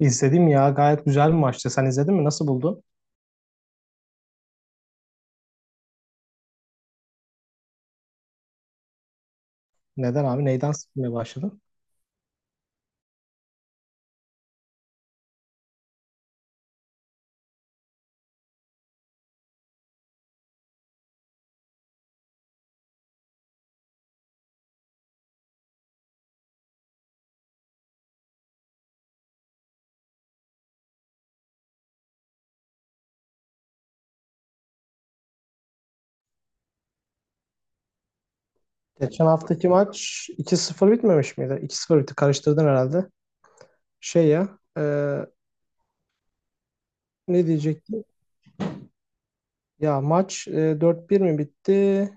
İzledim ya, gayet güzel bir maçtı. Sen izledin mi? Nasıl buldun? Neden abi? Neyden sıkılmaya başladın? Geçen haftaki maç 2-0 bitmemiş miydi? 2 sıfır bitti. Karıştırdın herhalde. Şey ya, ne diyecektim? Ya maç 4-1 mi bitti?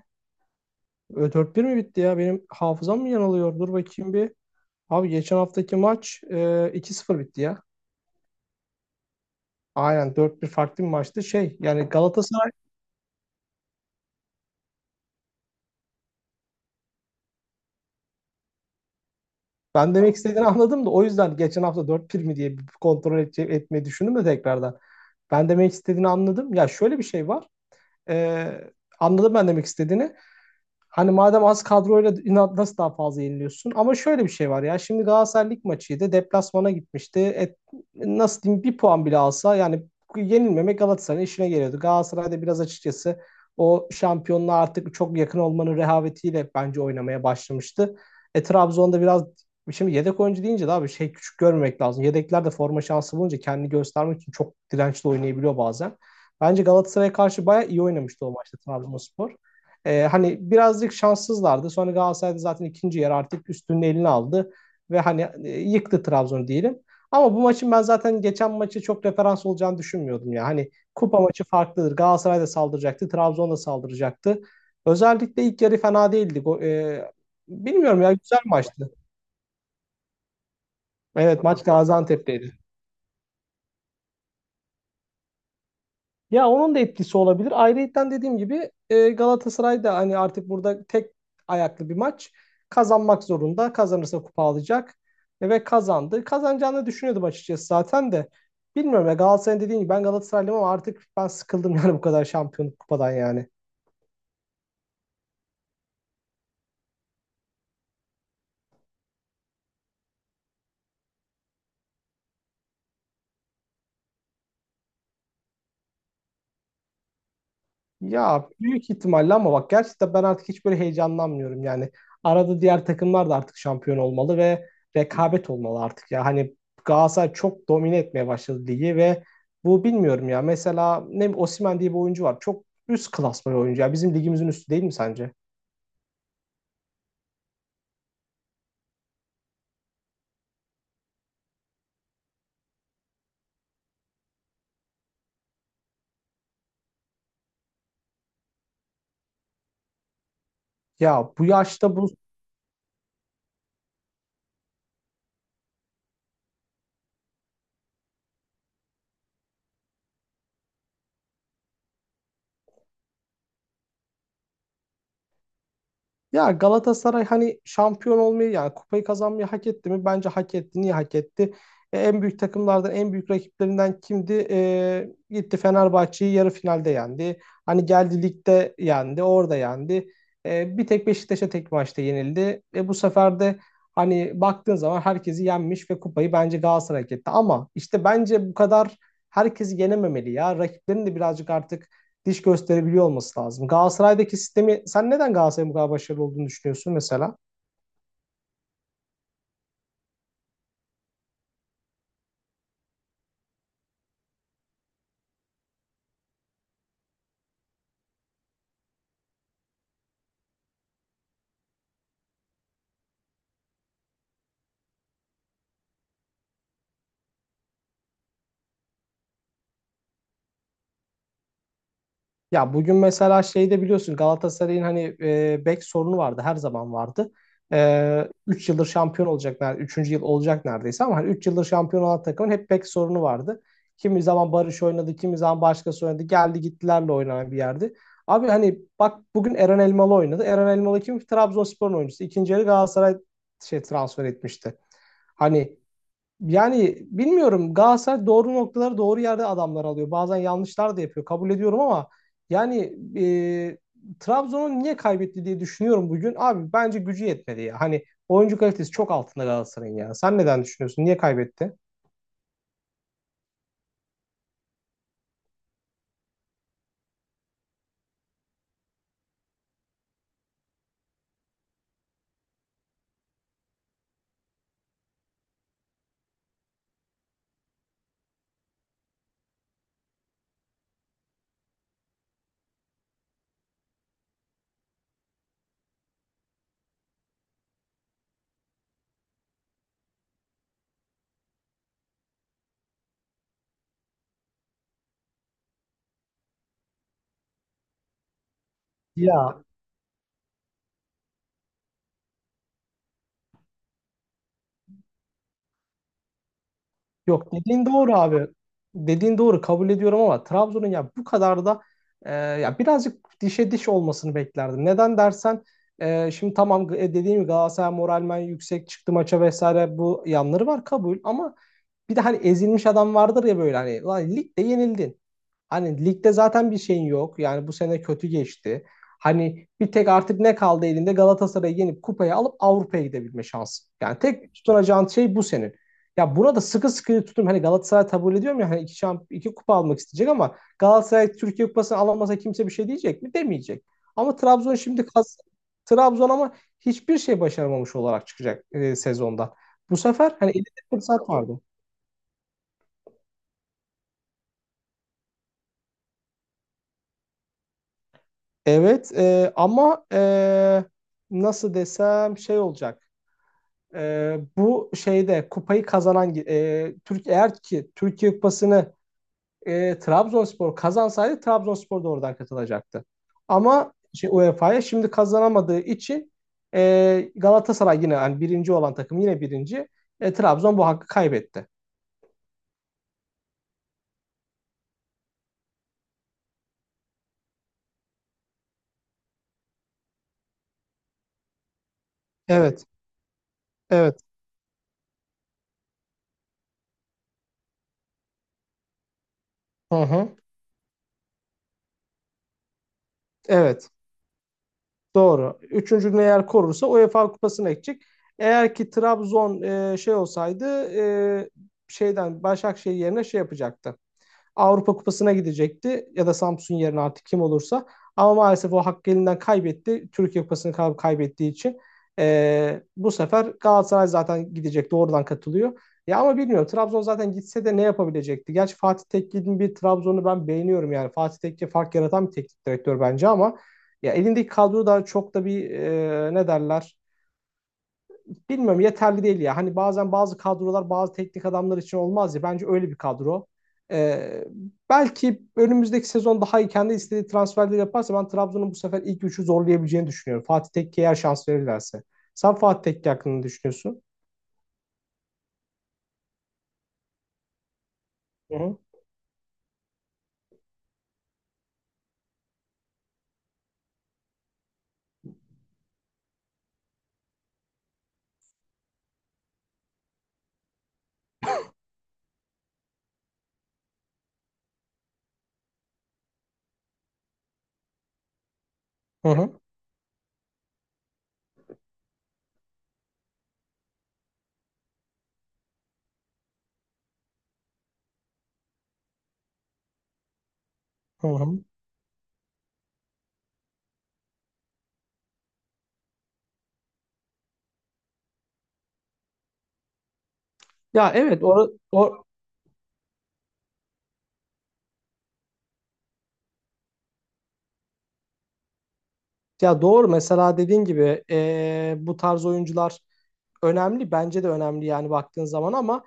E, 4-1 mi bitti ya? Benim hafızam mı yanılıyor? Dur bakayım bir. Abi geçen haftaki maç 2-0 bitti ya. Aynen, dört bir farklı bir maçtı. Şey yani Galatasaray. Ben demek istediğini anladım da, o yüzden geçen hafta 4 pir mi diye bir kontrol etmeyi düşündüm de tekrardan. Ben demek istediğini anladım. Ya, şöyle bir şey var. Ee, Anladım ben demek istediğini. Hani madem az kadroyla inat nasıl daha fazla yeniliyorsun? Ama şöyle bir şey var ya. Şimdi Galatasaray lig maçıydı. Deplasmana gitmişti. Nasıl diyeyim, bir puan bile alsa yani yenilmemek Galatasaray'ın işine geliyordu. Galatasaray'da biraz açıkçası o şampiyonluğa artık çok yakın olmanın rehavetiyle bence oynamaya başlamıştı. E, Trabzon'da biraz, şimdi yedek oyuncu deyince de abi şey, küçük görmemek lazım. Yedekler de forma şansı bulunca kendini göstermek için çok dirençli oynayabiliyor bazen. Bence Galatasaray'a karşı bayağı iyi oynamıştı o maçta Trabzonspor. Hani birazcık şanssızlardı. Sonra Galatasaray'da zaten ikinci yer artık üstünün elini aldı ve hani yıktı Trabzon'u diyelim. Ama bu maçın, ben zaten geçen maçı çok referans olacağını düşünmüyordum ya. Hani kupa maçı farklıdır. Galatasaray da saldıracaktı, Trabzon da saldıracaktı. Özellikle ilk yarı fena değildi. Bilmiyorum ya, güzel maçtı. Evet, maç Gaziantep'teydi. Ya onun da etkisi olabilir. Ayrıyeten, dediğim gibi Galatasaray da hani artık burada tek ayaklı bir maç. Kazanmak zorunda. Kazanırsa kupa alacak. Ve kazandı. Kazanacağını düşünüyordum açıkçası zaten de. Bilmiyorum ya, Galatasaray'ın, dediğim gibi, ben Galatasaraylıyım ama artık ben sıkıldım yani, bu kadar şampiyonluk kupadan yani. Ya, büyük ihtimalle, ama bak gerçekten ben artık hiç böyle heyecanlanmıyorum yani. Arada diğer takımlar da artık şampiyon olmalı ve rekabet olmalı artık ya. Hani Galatasaray çok domine etmeye başladı ligi ve bu, bilmiyorum ya. Mesela ne bileyim, Osimhen diye bir oyuncu var. Çok üst klasman bir oyuncu ya. Bizim ligimizin üstü değil mi sence? Ya bu yaşta bu Ya Galatasaray hani şampiyon olmayı yani kupayı kazanmayı hak etti mi? Bence hak etti. Niye hak etti? E, en büyük takımlardan, en büyük rakiplerinden kimdi? E, gitti Fenerbahçe'yi yarı finalde yendi. Hani geldi ligde yendi, orada yendi. E, bir tek Beşiktaş'a tek maçta yenildi. E, bu sefer de hani baktığın zaman herkesi yenmiş ve kupayı bence Galatasaray hak etti. Ama işte bence bu kadar herkesi yenememeli ya. Rakiplerin de birazcık artık diş gösterebiliyor olması lazım. Galatasaray'daki sistemi, sen neden Galatasaray'ın bu kadar başarılı olduğunu düşünüyorsun mesela? Ya bugün mesela şeyde, biliyorsun Galatasaray'ın hani bek sorunu vardı, her zaman vardı. 3 yıldır şampiyon olacak neredeyse, 3. yıl olacak neredeyse, ama hani 3 yıldır şampiyon olan takımın hep bek sorunu vardı. Kimi zaman Barış oynadı, kimi zaman başkası oynadı. Geldi gittilerle oynanan bir yerdi. Abi hani bak bugün Eren Elmalı oynadı. Eren Elmalı kim? Trabzonspor'un oyuncusu. İkinci yarı Galatasaray şey transfer etmişti. Hani. Yani bilmiyorum, Galatasaray doğru noktaları doğru yerde adamlar alıyor. Bazen yanlışlar da yapıyor, kabul ediyorum, ama yani Trabzon'un niye kaybetti diye düşünüyorum bugün. Abi bence gücü yetmedi ya. Hani oyuncu kalitesi çok altında Galatasaray'ın ya. Sen neden düşünüyorsun? Niye kaybetti? Ya, yok, dediğin doğru abi. Dediğin doğru, kabul ediyorum, ama Trabzon'un ya bu kadar da ya birazcık dişe diş olmasını beklerdim. Neden dersen, şimdi tamam, dediğim gibi Galatasaray moralmen yüksek çıktı maça vesaire, bu yanları var, kabul, ama bir de hani ezilmiş adam vardır ya, böyle hani, "Lan, ligde yenildin. Hani ligde zaten bir şeyin yok. Yani bu sene kötü geçti. Hani bir tek artık ne kaldı elinde, Galatasaray'ı yenip kupayı alıp Avrupa'ya gidebilme şansı. Yani tek tutunacağın şey bu senin. Ya buna da sıkı sıkı tutum Hani Galatasaray, kabul ediyorum ya hani, iki kupa almak isteyecek, ama Galatasaray Türkiye Kupası'nı alamasa kimse bir şey diyecek mi? Demeyecek. Ama Trabzon şimdi kas Trabzon ama hiçbir şey başaramamış olarak çıkacak sezonda. Bu sefer hani elinde fırsat vardı. Evet, ama nasıl desem, şey olacak. E, bu şeyde kupayı kazanan, e, Türk eğer ki Türkiye Kupası'nı Trabzonspor kazansaydı, Trabzonspor da oradan katılacaktı. Ama UEFA'ya şimdi kazanamadığı için Galatasaray yine, yani birinci olan takım yine birinci. E, Trabzon bu hakkı kaybetti. Evet, evet. Hı hı. Evet. Doğru. Üçüncülüğünü eğer korursa UEFA Kupası'na gidecek. Eğer ki Trabzon şey olsaydı, şeyden Başakşehir yerine şey yapacaktı. Avrupa Kupası'na gidecekti, ya da Samsun yerine artık kim olursa. Ama maalesef o hakkı elinden kaybetti, Türkiye Kupası'nı kaybettiği için. E, bu sefer Galatasaray zaten gidecek. Doğrudan katılıyor. Ya ama bilmiyorum, Trabzon zaten gitse de ne yapabilecekti? Gerçi Fatih Tekkil'in bir Trabzon'u ben beğeniyorum yani. Fatih Tekke fark yaratan bir teknik direktör bence, ama ya elindeki kadro da çok da bir, ne derler, bilmiyorum, yeterli değil ya. Hani bazen bazı kadrolar bazı teknik adamlar için olmaz ya. Bence öyle bir kadro. Ee, Belki önümüzdeki sezon daha iyi kendi istediği transferleri yaparsa, ben Trabzon'un bu sefer ilk üçü zorlayabileceğini düşünüyorum, Fatih Tekke'ye eğer şans verirlerse. Sen Fatih Tekke hakkında ne düşünüyorsun? Hı hı. Hı hı. Hı hı. Ya evet, ya doğru, mesela dediğin gibi, bu tarz oyuncular önemli. Bence de önemli yani, baktığın zaman, ama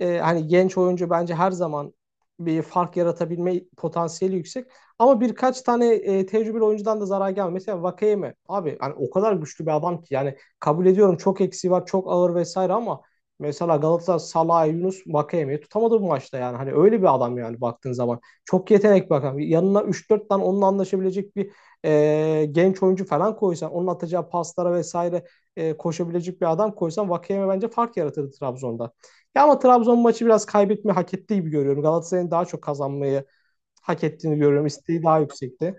E, hani genç oyuncu bence her zaman bir fark yaratabilme potansiyeli yüksek. Ama birkaç tane tecrübeli oyuncudan da zarar gelmiyor. Mesela Vakeyeme, abi hani o kadar güçlü bir adam ki yani, kabul ediyorum çok eksiği var, çok ağır vesaire, ama mesela Galatasaray Salah, Yunus Vakeyeme'yi tutamadı bu maçta yani. Hani öyle bir adam yani, baktığın zaman. Çok yetenek bakan. Yanına üç dört tane onunla anlaşabilecek bir, genç oyuncu falan koysan, onun atacağı paslara vesaire koşabilecek bir adam koysan, Vakeyeme bence fark yaratırdı Trabzon'da. Ya ama Trabzon maçı biraz kaybetme hak ettiği gibi görüyorum. Galatasaray'ın daha çok kazanmayı hak ettiğini görüyorum. İsteği daha yüksekti.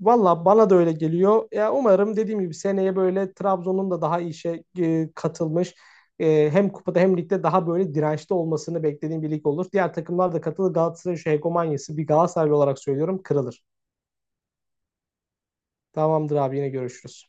Valla bana da öyle geliyor. Ya umarım, dediğim gibi, seneye böyle Trabzon'un da daha iyi işe katılmış, hem kupada hem ligde daha böyle dirençli olmasını beklediğim bir lig olur. Diğer takımlar da katılır. Galatasaray'ın şu hegemonyası, bir Galatasaraylı olarak söylüyorum, kırılır. Tamamdır abi, yine görüşürüz.